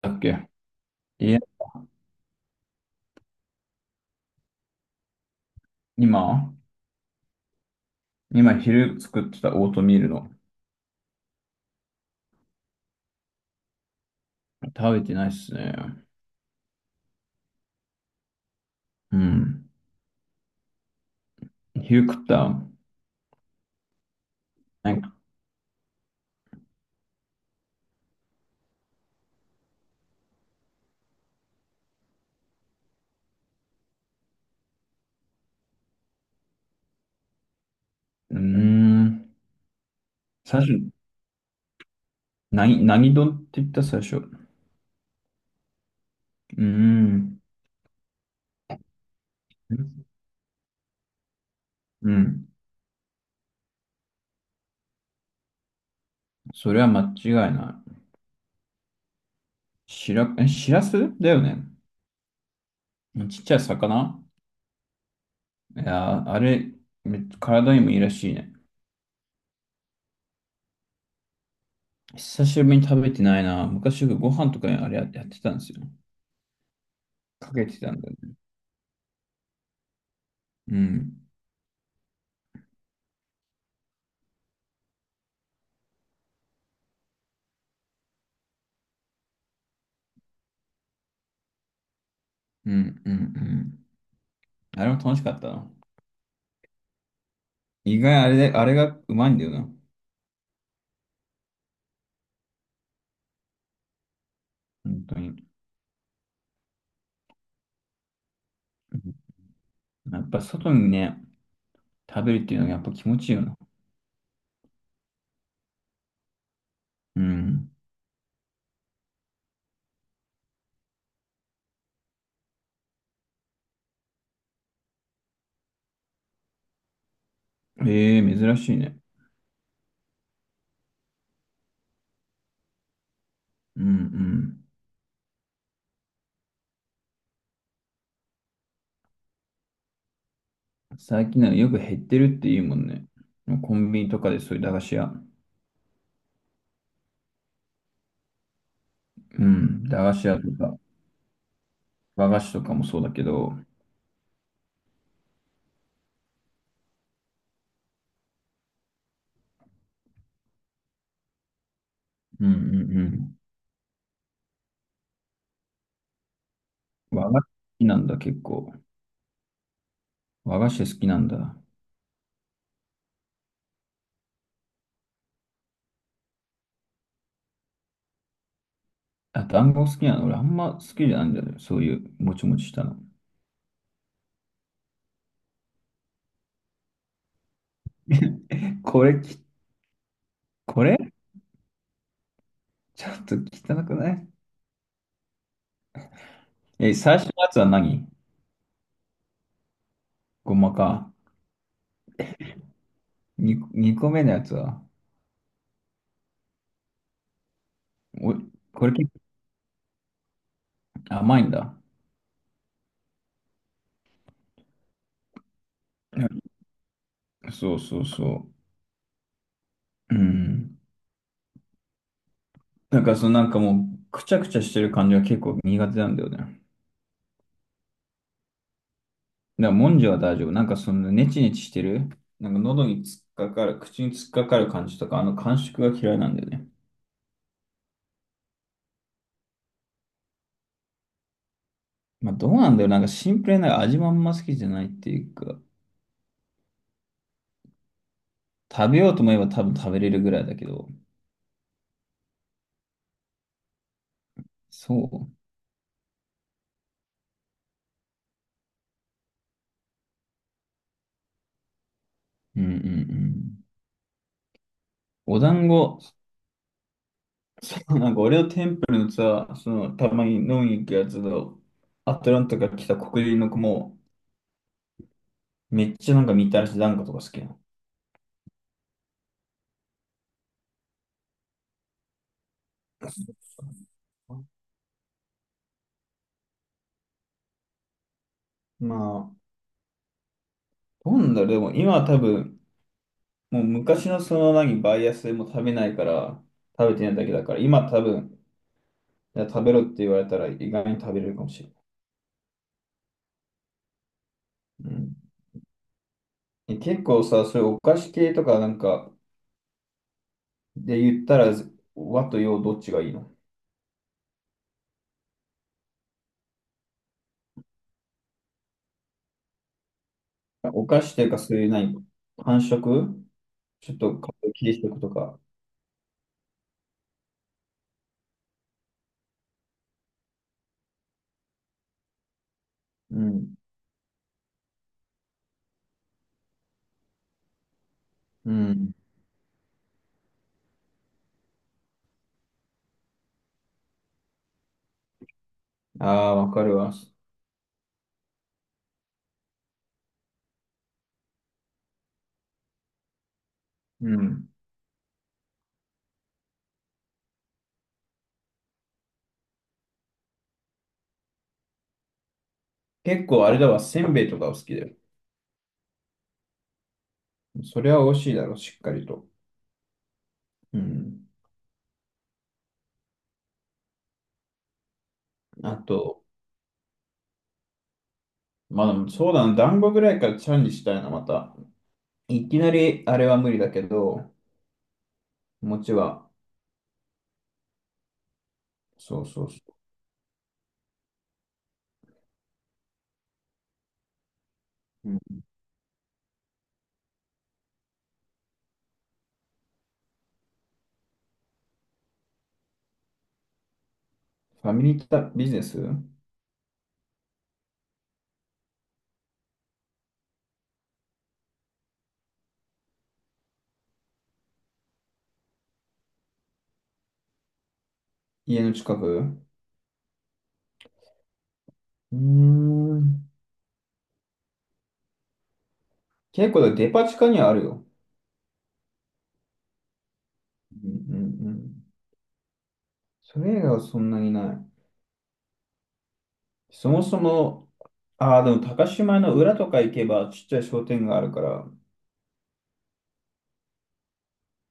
だっけ。いや、今、今昼作ってたオートミールの。食べてないっすね。うん。昼食った。なんか、うーん。最初、何丼って言った最初。うーん。うん。それは間違いない。しらすだよね。ちっちゃい魚。いやー、あれ、体にもいいらしいね。久しぶりに食べてないな。昔よくご飯とかにあれやってたんですよ。かけてたんだよね。うん。うん、うん、あれも楽しかったな。意外あれで、あれがうまいんだよな。本当に。うん。やっぱ外にね、食べるっていうのがやっぱ気持ちいいよな。うん。ええ珍しいね。うんうん。最近はよく減ってるって言うもんね。もうコンビニとかでそういう駄菓子屋。うん。駄菓子屋とか、和菓子とかもそうだけど。うんうんうん。和菓子好きなんだ、結構。和菓子好きなんだ。あ、団子好きなの。俺あんま好きじゃないんだよね。そういうもちもちしたの。これき、これちょっと汚くない？最初のやつは何？ごまか。2、二個目のやつは。お、これ結構甘いんだ。そうそうそう。うん。なんかもう、くちゃくちゃしてる感じが結構苦手なんだよね。だからもんじゃは大丈夫。なんかそのネチネチしてる。なんか喉に突っかかる、口に突っかかる感じとか、あの感触が嫌いなんだよね。まあどうなんだよ。なんかシンプルな味もあんま好きじゃないっていうか、食べようと思えば多分食べれるぐらいだけど。そう。うんうんうん。お団子、なんか俺のテンプルのさ、その、たまに飲みに行くやつの、アトランタから来た黒人の子も、めっちゃなんかみたらし団子とか好きなの。まあ、なんだろう、でも今は多分、もう昔のその何、バイアスでも食べないから、食べてないだけだから、今多分、いや食べろって言われたら意外に食べれるかもしれない。うん。え結構さ、そういうお菓子系とかなんかで言ったら、和と洋どっちがいいの？お菓子というかそういう何、感ちょっと顔を切りしておくとか。うん。うん。ああ、わかるわ。うん。結構あれだわ、せんべいとかお好きだよ。それは美味しいだろ、しっかりと。うん。あと、まあでもそうだな、団子ぐらいからチャレンジしたいな、また。いきなりあれは無理だけど、餅は。そうそうそう。うん。ファミリータビジネス。家の近く。うーん。結構だデパ地下にはあるよ。うんうんうん。それ以外はそんなにない。そもそも、ああ、でも高島の裏とか行けばちっちゃい商店があるから、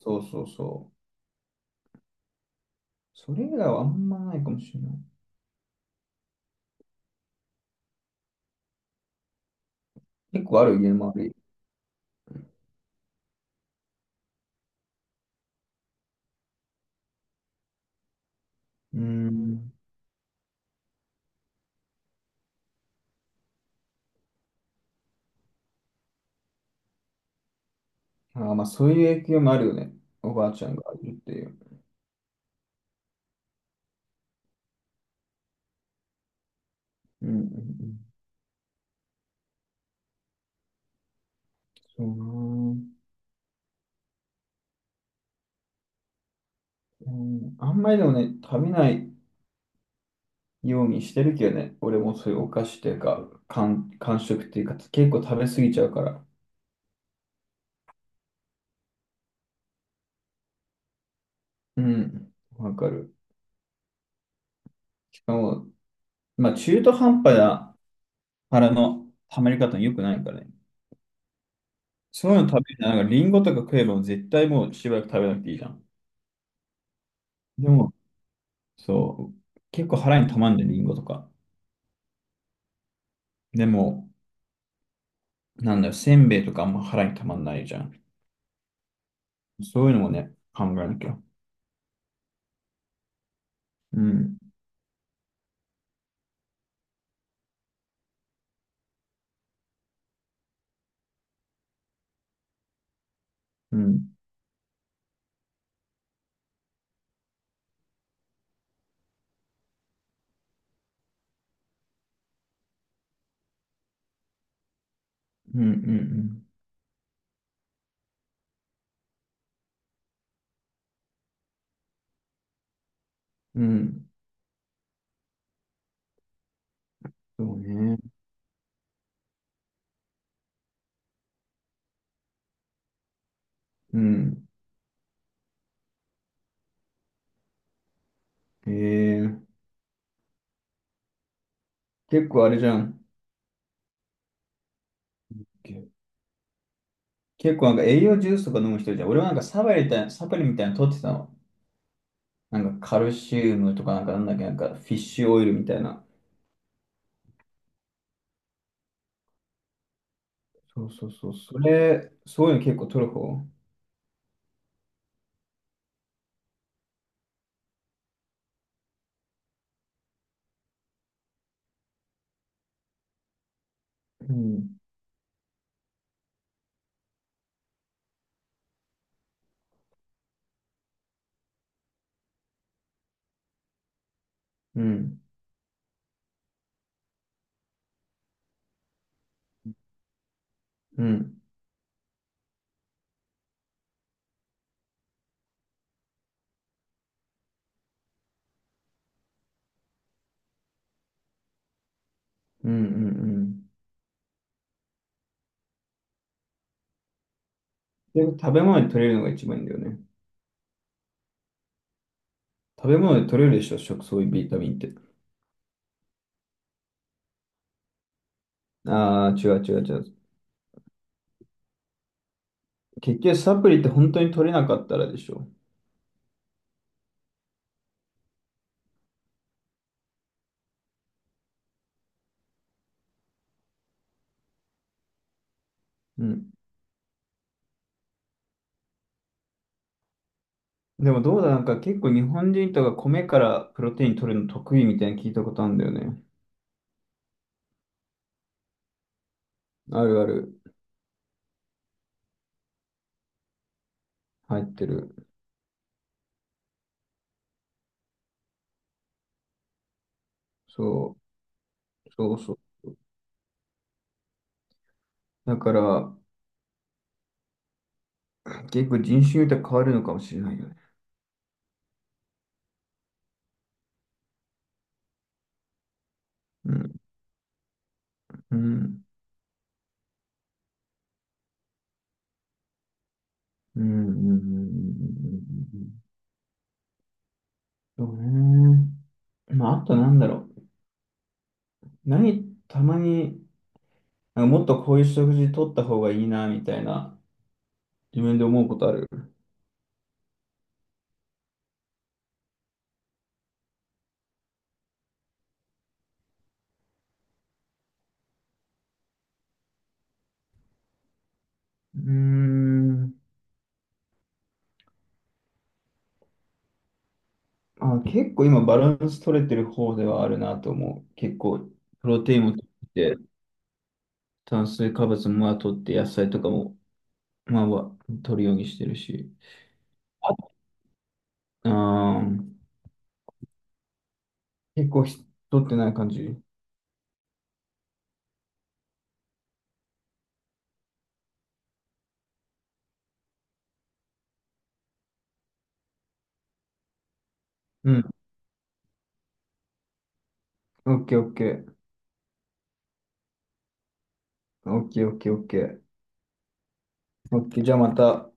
そうそうそう。それ以外はあんまないかもしれない。結構ある家もある。うーん。ああ、まあそういう影響もあるよね。おばあちゃんがいるっていう。うんうんうん。そうなー、うん。あんまりでもね、食べないようにしてるけどね。俺もそういうお菓子っていうか、間食っていうか、結構食べ過ぎちゃうから。うん。わかる。しかも、まあ中途半端な腹の溜まり方に良くないからね。そういうの食べるなら、なんかリンゴとか食えば絶対もうしばらく食べなくていいじゃん。でも、そう、結構腹に溜まんじゃん、リンゴとか。でも、なんだよ、せんべいとかあんま腹に溜まんないじゃん。そういうのもね、考えなきゃ。うん、うん、うん、うん、うん。うん。そうね。うん。えー、結構あれじゃん。け結構なんか栄養ジュースとか飲む人じゃん。俺はなんかサプリみたいなの取ってたの。なんかカルシウムとかなんかなんだっけ、なんかフィッシュオイルみたいな。そうそうそう。それ、そういうの結構取る方。うん。うん。うん。うんうんうん。で、食べ物で取れるのが一番いいんだよね。食べ物で取れるでしょ、食、そういうビタミンって。ああ、違う。結局サプリって本当に取れなかったらでしょ。うん。でもどうだ、なんか結構日本人とか米からプロテイン取るの得意みたいに聞いたことあるんだよね。あるある。入ってる。そう。そうそう。だから、結構人種によっては変わるのかもしれないよね。うん。うん。うん。うん。うんうんうんうん。そうね。まあ、あとなんだろう。何、たまに、なんかもっとこういう食事取った方がいいな、みたいな、自分で思うことある。うーん。あ、結構今バランス取れてる方ではあるなと思う。結構、プロテインも取って、炭水化物もまあ取って、野菜とかも、まあ、まあ取るようにしてるし。あー、結構ひ取ってない感じ。うん。オッケーオッケー。オッケーオッケーオッケー。オッケー。じゃあまた。